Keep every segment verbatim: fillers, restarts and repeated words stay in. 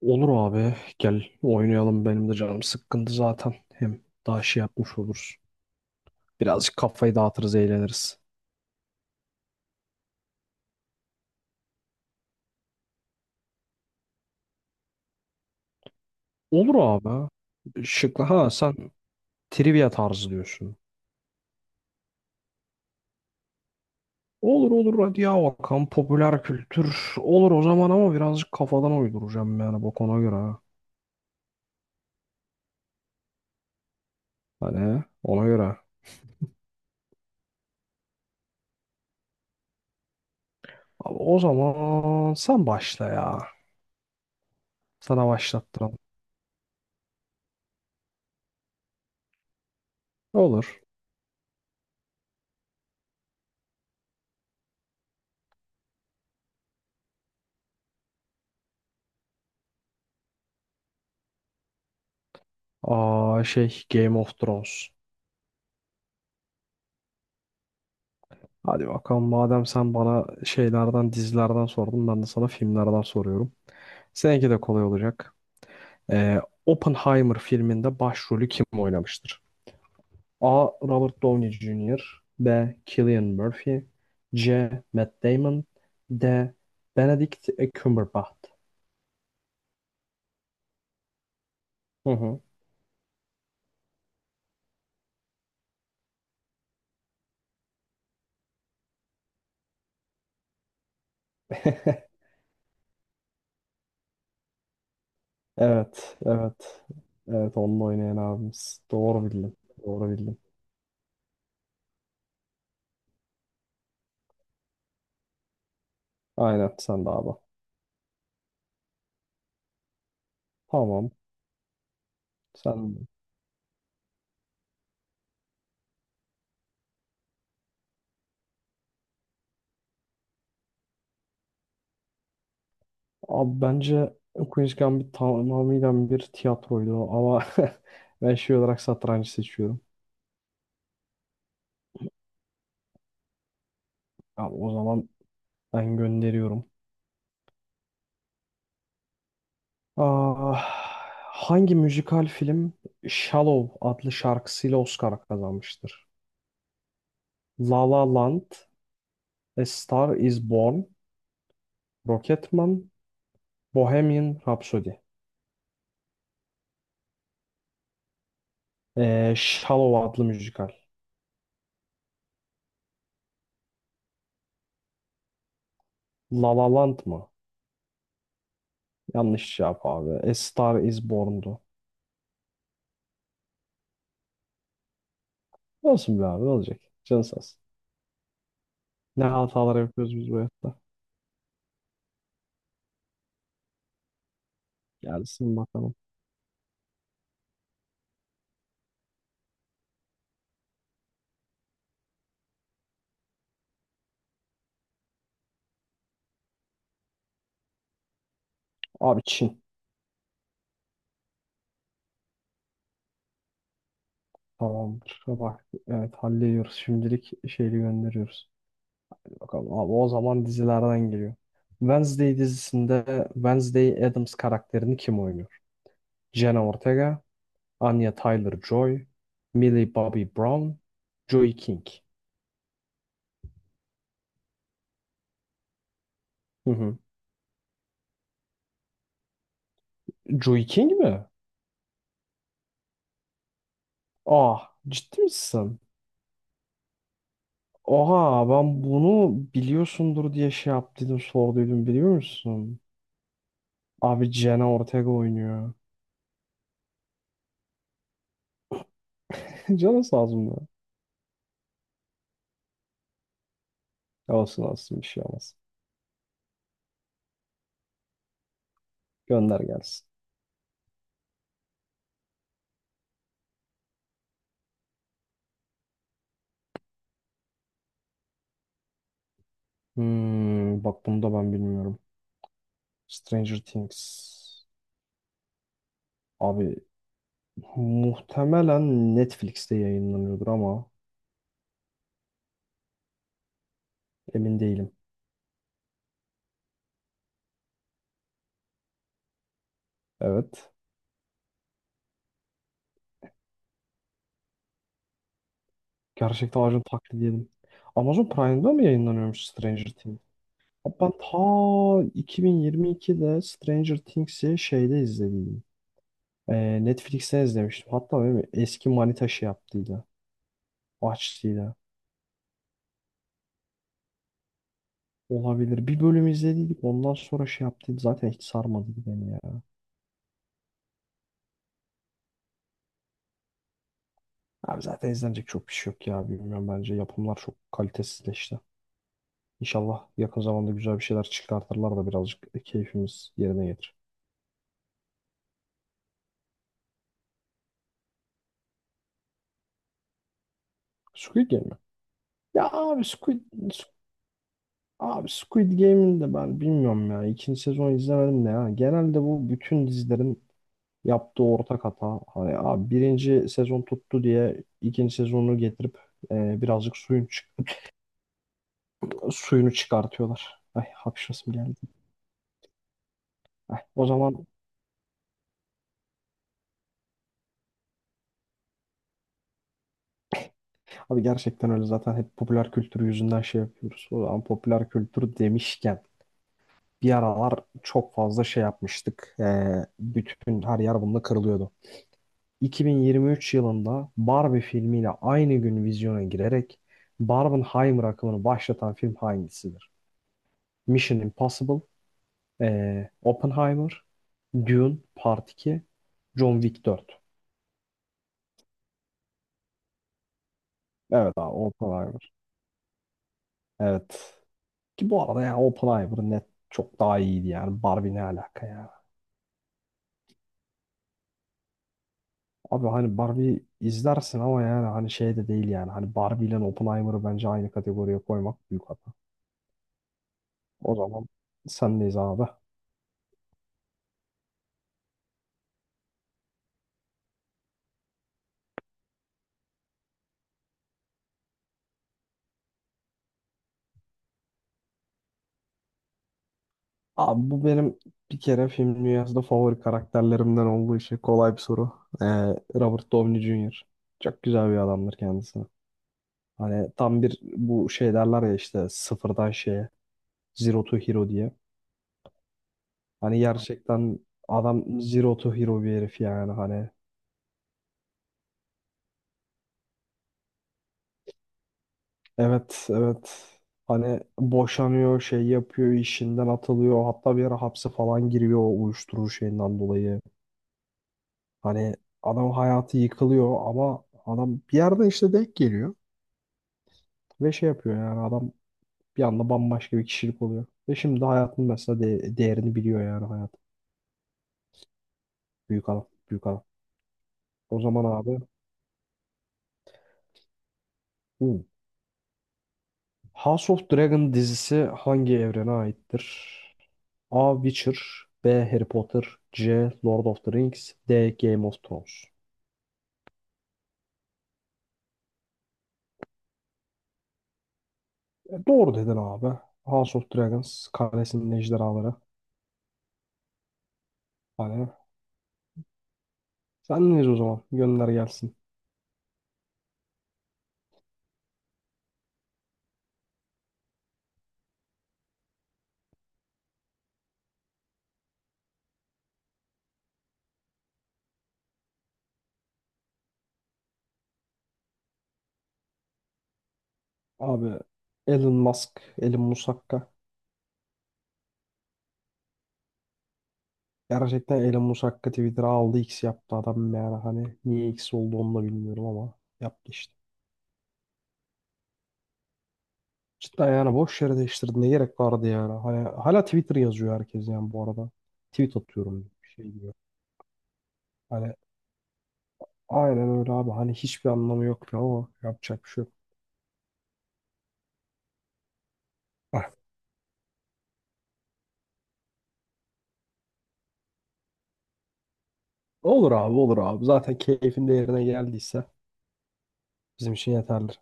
Olur abi gel oynayalım benim de canım sıkkındı zaten. Hem daha şey yapmış oluruz. Birazcık kafayı dağıtırız eğleniriz. Olur abi. Şıklı ha, sen trivia tarzı diyorsun. Olur olur, hadi ya bakalım, popüler kültür olur o zaman ama birazcık kafadan uyduracağım yani, bak ona göre. Ha. Hani ona göre. Abi, o zaman sen başla ya. Sana başlattıralım. Olur. Aa, şey, Game of Thrones. Hadi bakalım, madem sen bana şeylerden, dizilerden sordun, ben de sana filmlerden soruyorum. Seninki de kolay olacak. Ee, Oppenheimer filminde başrolü kim oynamıştır? A. Robert Downey junior B. Cillian Murphy C. Matt Damon D. Benedict Cumberbatch. Hı hı. Evet, evet. Evet, onunla oynayan abimiz. Doğru bildin. Doğru bildin. Aynen, sen de abi. Tamam. Sen Abi bence Queen's Gambit tamamıyla bir tiyatroydu ama ben şey olarak satrancı seçiyorum. Abi o zaman ben gönderiyorum. Ah, Hangi müzikal film Shallow adlı şarkısıyla Oscar kazanmıştır? La La Land, A Star Is Born, Rocketman, Bohemian Rhapsody. Ee, Shallow adlı müzikal. La La Land mı? Yanlış cevap abi. A Star Is Born'du. Olsun be abi, ne olacak? Canı sağ olsun. Ne hatalar yapıyoruz biz bu hayatta. Gelsin bakalım. Abi, Çin. Tamamdır. Bak evet, hallediyoruz. Şimdilik şeyi gönderiyoruz. Bakalım abi, o zaman dizilerden geliyor. Wednesday dizisinde Wednesday Addams karakterini kim oynuyor? Jenna Ortega, Anya Taylor-Joy, Millie Bobby Brown, Joey King. Hı hı. Joey King mi? Ah, ciddi misin? Oha, ben bunu biliyorsundur diye şey yaptıydım, sorduydum, biliyor musun? Abi Jenna Ortega oynuyor. Canı sağ olsun da. Olsun olsun, bir şey olmaz. Gönder gelsin. Hmm, bak bunu da ben bilmiyorum. Stranger Things. Abi muhtemelen Netflix'te yayınlanıyordur ama emin değilim. Evet. Gerçekten ağacın taklidi yedim. Amazon Prime'da mı yayınlanıyormuş Stranger Things? Abi ben ta iki bin yirmi ikide Stranger Things'i şeyde izlediydim. Ee, Netflix'ten izlemiştim. Hatta benim eski manita şey yaptıydı. Açtıydı. Olabilir. Bir bölüm izlediydik. Ondan sonra şey yaptıydı. Zaten hiç sarmadı beni ya. Abi zaten izlenecek çok bir şey yok ya. Bilmiyorum, bence. Yapımlar çok kalitesizleşti. İnşallah yakın zamanda güzel bir şeyler çıkartırlar da birazcık keyfimiz yerine gelir. Squid Game mi? Ya abi, Squid, Squid- abi Squid Game'in de ben bilmiyorum ya. İkinci sezon izlemedim de ya. Genelde bu bütün dizilerin yaptığı ortak hata. Hani abi, birinci sezon tuttu diye ikinci sezonu getirip e, birazcık suyun suyunu çıkartıyorlar. Ay, hapşasım geldi. Ay, o zaman abi gerçekten öyle, zaten hep popüler kültür yüzünden şey yapıyoruz. O zaman popüler kültür demişken bir aralar çok fazla şey yapmıştık. Ee, bütün her yer bununla kırılıyordu. iki bin yirmi üç yılında Barbie filmiyle aynı gün vizyona girerek Barbenheimer akımını başlatan film hangisidir? Mission Impossible, ee, Oppenheimer, Dune Part iki, John Wick dört. Evet abi, Oppenheimer. Evet. Ki bu arada ya Open Iver net çok daha iyiydi yani. Barbie ne alaka ya? Abi hani Barbie izlersin ama yani, hani şey de değil yani. Hani Barbie ile Oppenheimer'ı bence aynı kategoriye koymak büyük hata. O zaman sendeyiz abi. Abi bu benim bir kere film dünyasında favori karakterlerimden olduğu için kolay bir soru. Ee, Robert Downey junior Çok güzel bir adamdır kendisi. Hani tam bir bu şey derler ya işte, sıfırdan şeye, zero to hero diye. Hani gerçekten adam zero to hero bir herif yani, hani. Evet, evet. Hani boşanıyor, şey yapıyor, işinden atılıyor. Hatta bir ara hapse falan giriyor o uyuşturucu şeyinden dolayı. Hani adam hayatı yıkılıyor ama adam bir yerden işte denk geliyor. Ve şey yapıyor yani, adam bir anda bambaşka bir kişilik oluyor. Ve şimdi hayatın mesela de- değerini biliyor yani, hayat. Büyük adam. Büyük adam. O zaman abi. Hı. House of Dragon dizisi hangi evrene aittir? A. Witcher B. Harry Potter C. Lord of the Rings D. Game of Thrones. E, doğru dedin abi. House of Dragons Kalesinin Ejderhaları. Hani sen neyiz o zaman? Gönder gelsin. Abi Elon Musk, Elon Musakka. Gerçekten Elon Musakka Twitter'a aldı, X yaptı adam yani, hani niye X oldu onu da bilmiyorum ama yaptı işte. Cidden yani, boş yere değiştirdi. Ne gerek vardı yani? Hani hala Twitter yazıyor herkes yani, bu arada. Tweet atıyorum, bir şey diyor. Hani aynen öyle abi. Hani hiçbir anlamı yoktu ama yapacak bir şey yok. Ah, Olur abi, olur abi. Zaten keyfin de yerine geldiyse bizim için yeterlidir.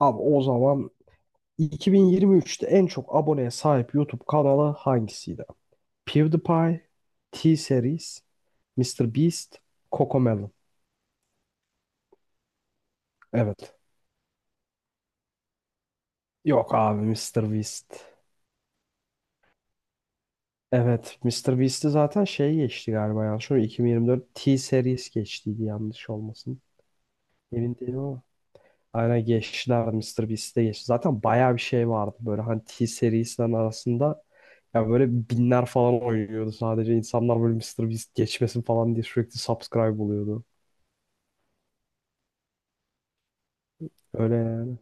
Abi o zaman iki bin yirmi üçte en çok aboneye sahip YouTube kanalı hangisiydi? PewDiePie, T-Series, mister Beast, Cocomelon. Evet. Yok abi, mister Beast. Evet, mister Beast'i zaten şey geçti galiba, yanlış mı? iki bin yirmi dört T-Series geçtiydi, yanlış olmasın. Emin değilim ama. Aynen geçtiler, mister Beast'e geçti. Zaten bayağı bir şey vardı böyle hani T serisinden arasında. Ya böyle binler falan oynuyordu sadece. İnsanlar böyle mister Beast geçmesin falan diye sürekli subscribe oluyordu. Öyle yani.